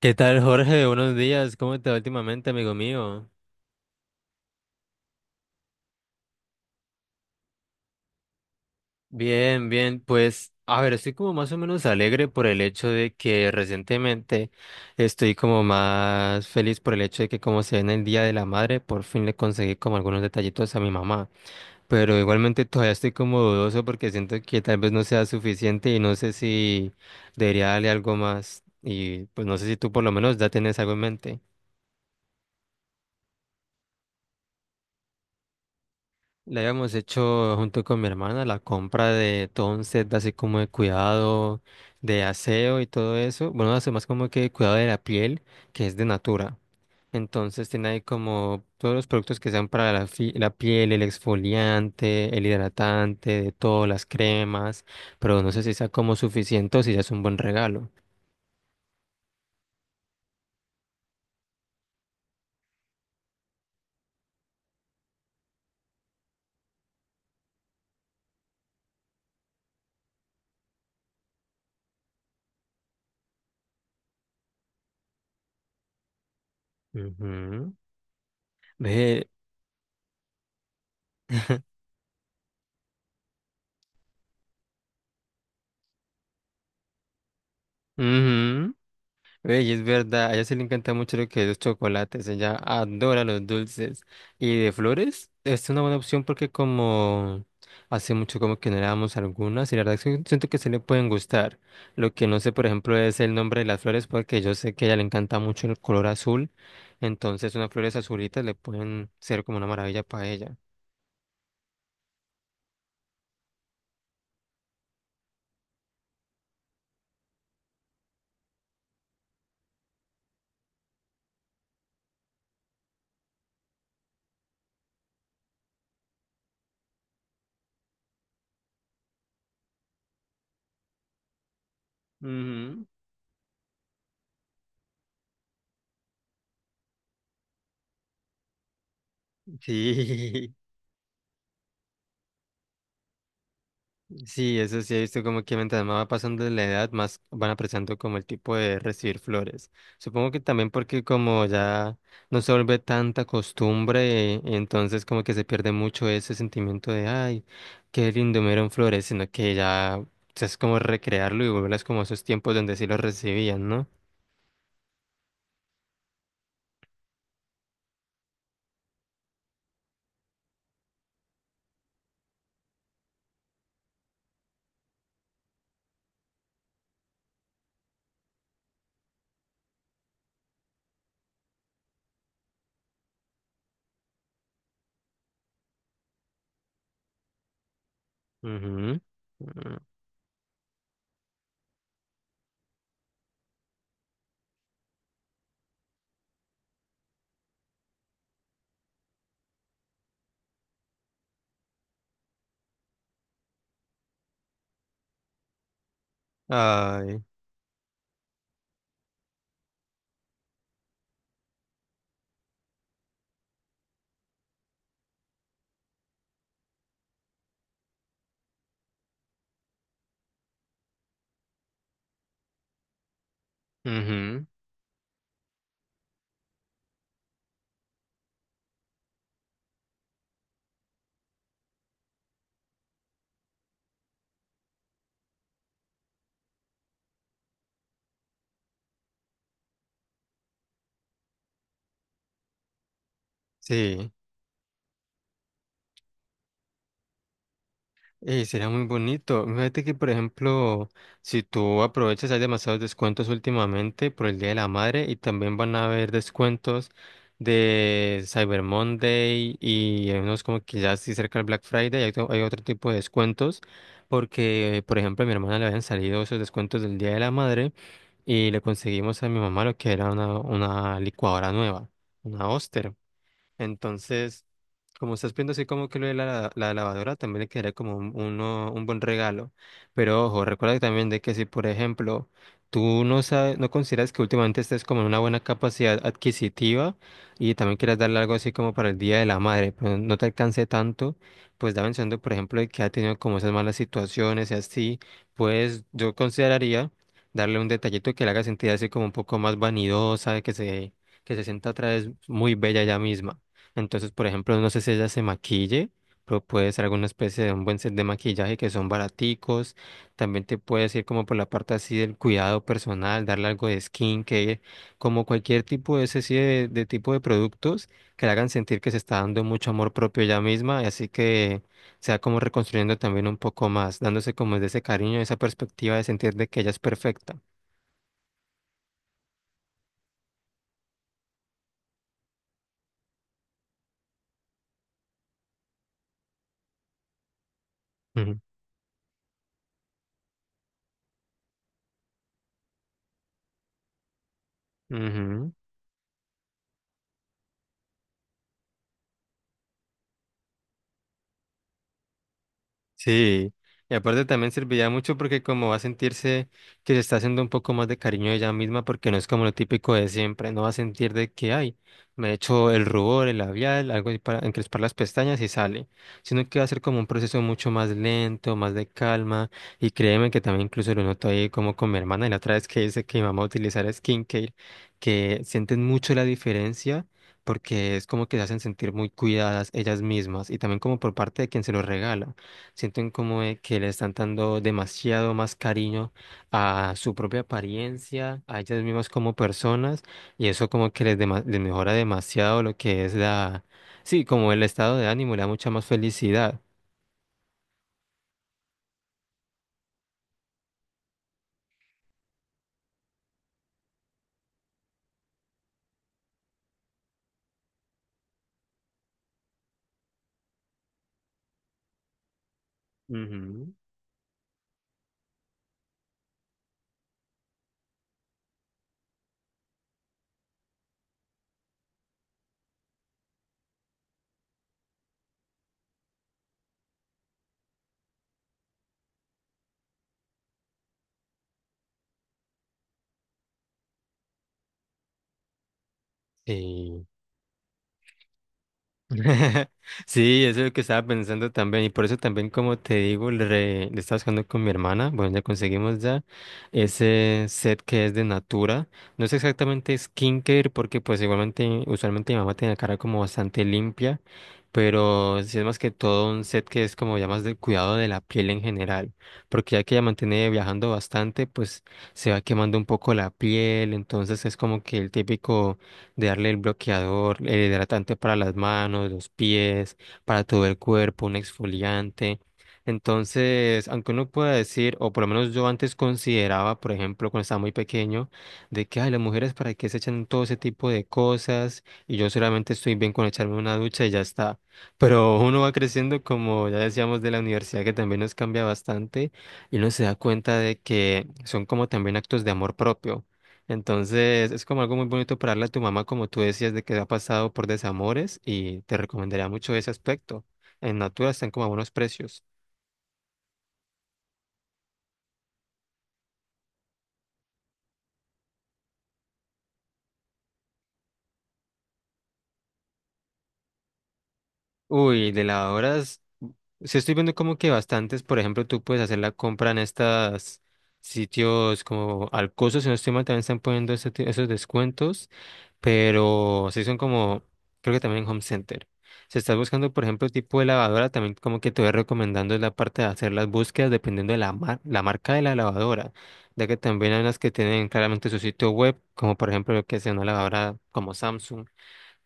¿Qué tal, Jorge? Buenos días. ¿Cómo te va últimamente, amigo mío? Bien, bien. Pues, a ver, estoy como más o menos alegre por el hecho de que recientemente estoy como más feliz por el hecho de que como se viene el Día de la Madre, por fin le conseguí como algunos detallitos a mi mamá. Pero igualmente todavía estoy como dudoso porque siento que tal vez no sea suficiente y no sé si debería darle algo más. Y pues no sé si tú por lo menos ya tienes algo en mente. Le habíamos hecho junto con mi hermana la compra de todo un set así como de cuidado, de aseo y todo eso. Bueno, hace más como que de cuidado de la piel, que es de Natura. Entonces tiene ahí como todos los productos que sean para la, la piel, el exfoliante, el hidratante, de todas las cremas, pero no sé si sea como suficiente o si ya es un buen regalo. Ujú. Ve. Ujú. Ey, es verdad, a ella se le encanta mucho lo que es los chocolates, ella adora los dulces. Y de flores, es una buena opción porque como hace mucho como que no le damos algunas y la verdad es que siento que se le pueden gustar. Lo que no sé, por ejemplo, es el nombre de las flores porque yo sé que a ella le encanta mucho el color azul, entonces unas flores azulitas le pueden ser como una maravilla para ella. Ujú. Sí. Sí, eso sí he visto como que mientras más va pasando la edad, más van apreciando como el tipo de recibir flores. Supongo que también porque como ya no se vuelve tanta costumbre, entonces como que se pierde mucho ese sentimiento de, ay, qué lindo me dieron flores, sino que ya o sea, es como recrearlo y volverlas como a esos tiempos donde sí los recibían, ¿no? Ujú. Ujú. Ay. Ujú. Sí. Sería muy bonito. Fíjate que, por ejemplo, si tú aprovechas, hay demasiados descuentos últimamente por el Día de la Madre y también van a haber descuentos de Cyber Monday y hay unos como que ya sí cerca del Black Friday hay otro tipo de descuentos porque, por ejemplo, a mi hermana le habían salido esos descuentos del Día de la Madre y le conseguimos a mi mamá lo que era una licuadora nueva, una Oster. Entonces, como estás viendo así como que lo de la, la lavadora, también le quedaría como un, un buen regalo. Pero ojo, recuerda también de que si, por ejemplo, tú no sabes, no consideras que últimamente estés como en una buena capacidad adquisitiva y también quieras darle algo así como para el Día de la Madre, pero no te alcance tanto, pues da mencionando, por ejemplo, de que ha tenido como esas malas situaciones y así, pues yo consideraría darle un detallito que le haga sentir así como un poco más vanidosa, que se sienta otra vez muy bella ella misma. Entonces, por ejemplo, no sé si ella se maquille, pero puede ser alguna especie de un buen set de maquillaje que son baraticos. También te puedes ir como por la parte así del cuidado personal, darle algo de skincare, como cualquier tipo de ese sí de tipo de productos que le hagan sentir que se está dando mucho amor propio ella misma, y así que sea como reconstruyendo también un poco más, dándose como de ese cariño, esa perspectiva de sentir de que ella es perfecta. Ujú. Ujú. Sí, y aparte también serviría mucho porque como va a sentirse que se está haciendo un poco más de cariño de ella misma porque no es como lo típico de siempre, no va a sentir de que hay, me he hecho el rubor, el labial, algo ahí para encrespar las pestañas y sale, sino que va a ser como un proceso mucho más lento, más de calma y créeme que también incluso lo noto ahí como con mi hermana y la otra vez que dice que mi mamá va a utilizar skincare, que sienten mucho la diferencia. Porque es como que se hacen sentir muy cuidadas ellas mismas y también como por parte de quien se lo regala. Sienten como de que le están dando demasiado más cariño a su propia apariencia, a ellas mismas como personas, y eso como que les, les mejora demasiado lo que es la, sí, como el estado de ánimo, le da mucha más felicidad. Ujú. Sí. Sí, eso es lo que estaba pensando también y por eso también como te digo le, le estaba buscando con mi hermana, bueno ya conseguimos ya ese set que es de Natura, no es exactamente skincare porque pues igualmente usualmente mi mamá tiene la cara como bastante limpia, pero sí es más que todo un set que es como ya más del cuidado de la piel en general, porque ya que ella mantiene viajando bastante pues se va quemando un poco la piel, entonces es como que el típico de darle el bloqueador, el hidratante para las manos, los pies, para todo el cuerpo, un exfoliante. Entonces, aunque uno pueda decir, o por lo menos yo antes consideraba, por ejemplo, cuando estaba muy pequeño, de que, ay, las mujeres para qué se echan todo ese tipo de cosas y yo solamente estoy bien con echarme una ducha y ya está. Pero uno va creciendo, como ya decíamos, de la universidad, que también nos cambia bastante y uno se da cuenta de que son como también actos de amor propio. Entonces, es como algo muy bonito para darle a tu mamá, como tú decías, de que ha pasado por desamores y te recomendaría mucho ese aspecto. En Natura están como a buenos precios. Uy, de lavadoras, sí estoy viendo como que bastantes, por ejemplo, tú puedes hacer la compra en estas sitios como Alcoso, si no estoy mal, también están poniendo esos descuentos. Pero sí son como, creo que también en Home Center. Si estás buscando, por ejemplo, tipo de lavadora, también como que te voy recomendando es la parte de hacer las búsquedas dependiendo de la, la marca de la lavadora, ya que también hay unas que tienen claramente su sitio web, como por ejemplo lo que sea una lavadora como Samsung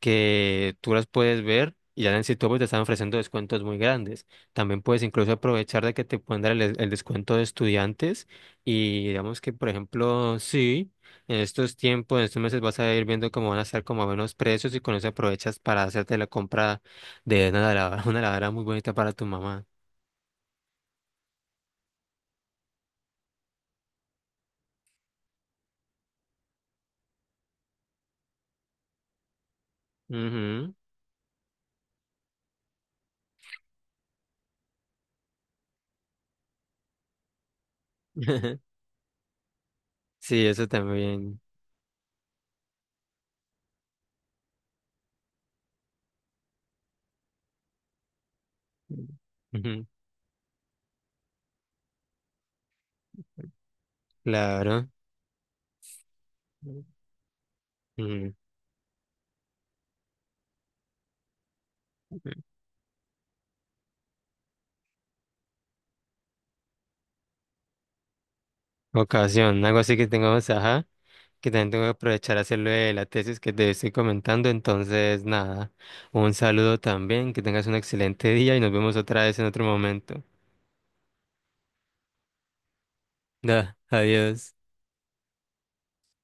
que tú las puedes ver y ya en el sitio web te están ofreciendo descuentos muy grandes. También puedes incluso aprovechar de que te pueden dar el, el descuento de estudiantes y digamos que, por ejemplo, sí, en estos tiempos, en estos meses vas a ir viendo cómo van a estar como a buenos precios y con eso aprovechas para hacerte la compra de una lavadora, una lavadora muy bonita para tu mamá. Ujú. Sí, eso también. Ujú. Claro. Ujú. Ocasión, algo así que tengamos, ajá. Que también tengo que aprovechar a hacerlo de la tesis que te estoy comentando. Entonces, nada, un saludo también, que tengas un excelente día y nos vemos otra vez en otro momento. Da, adiós.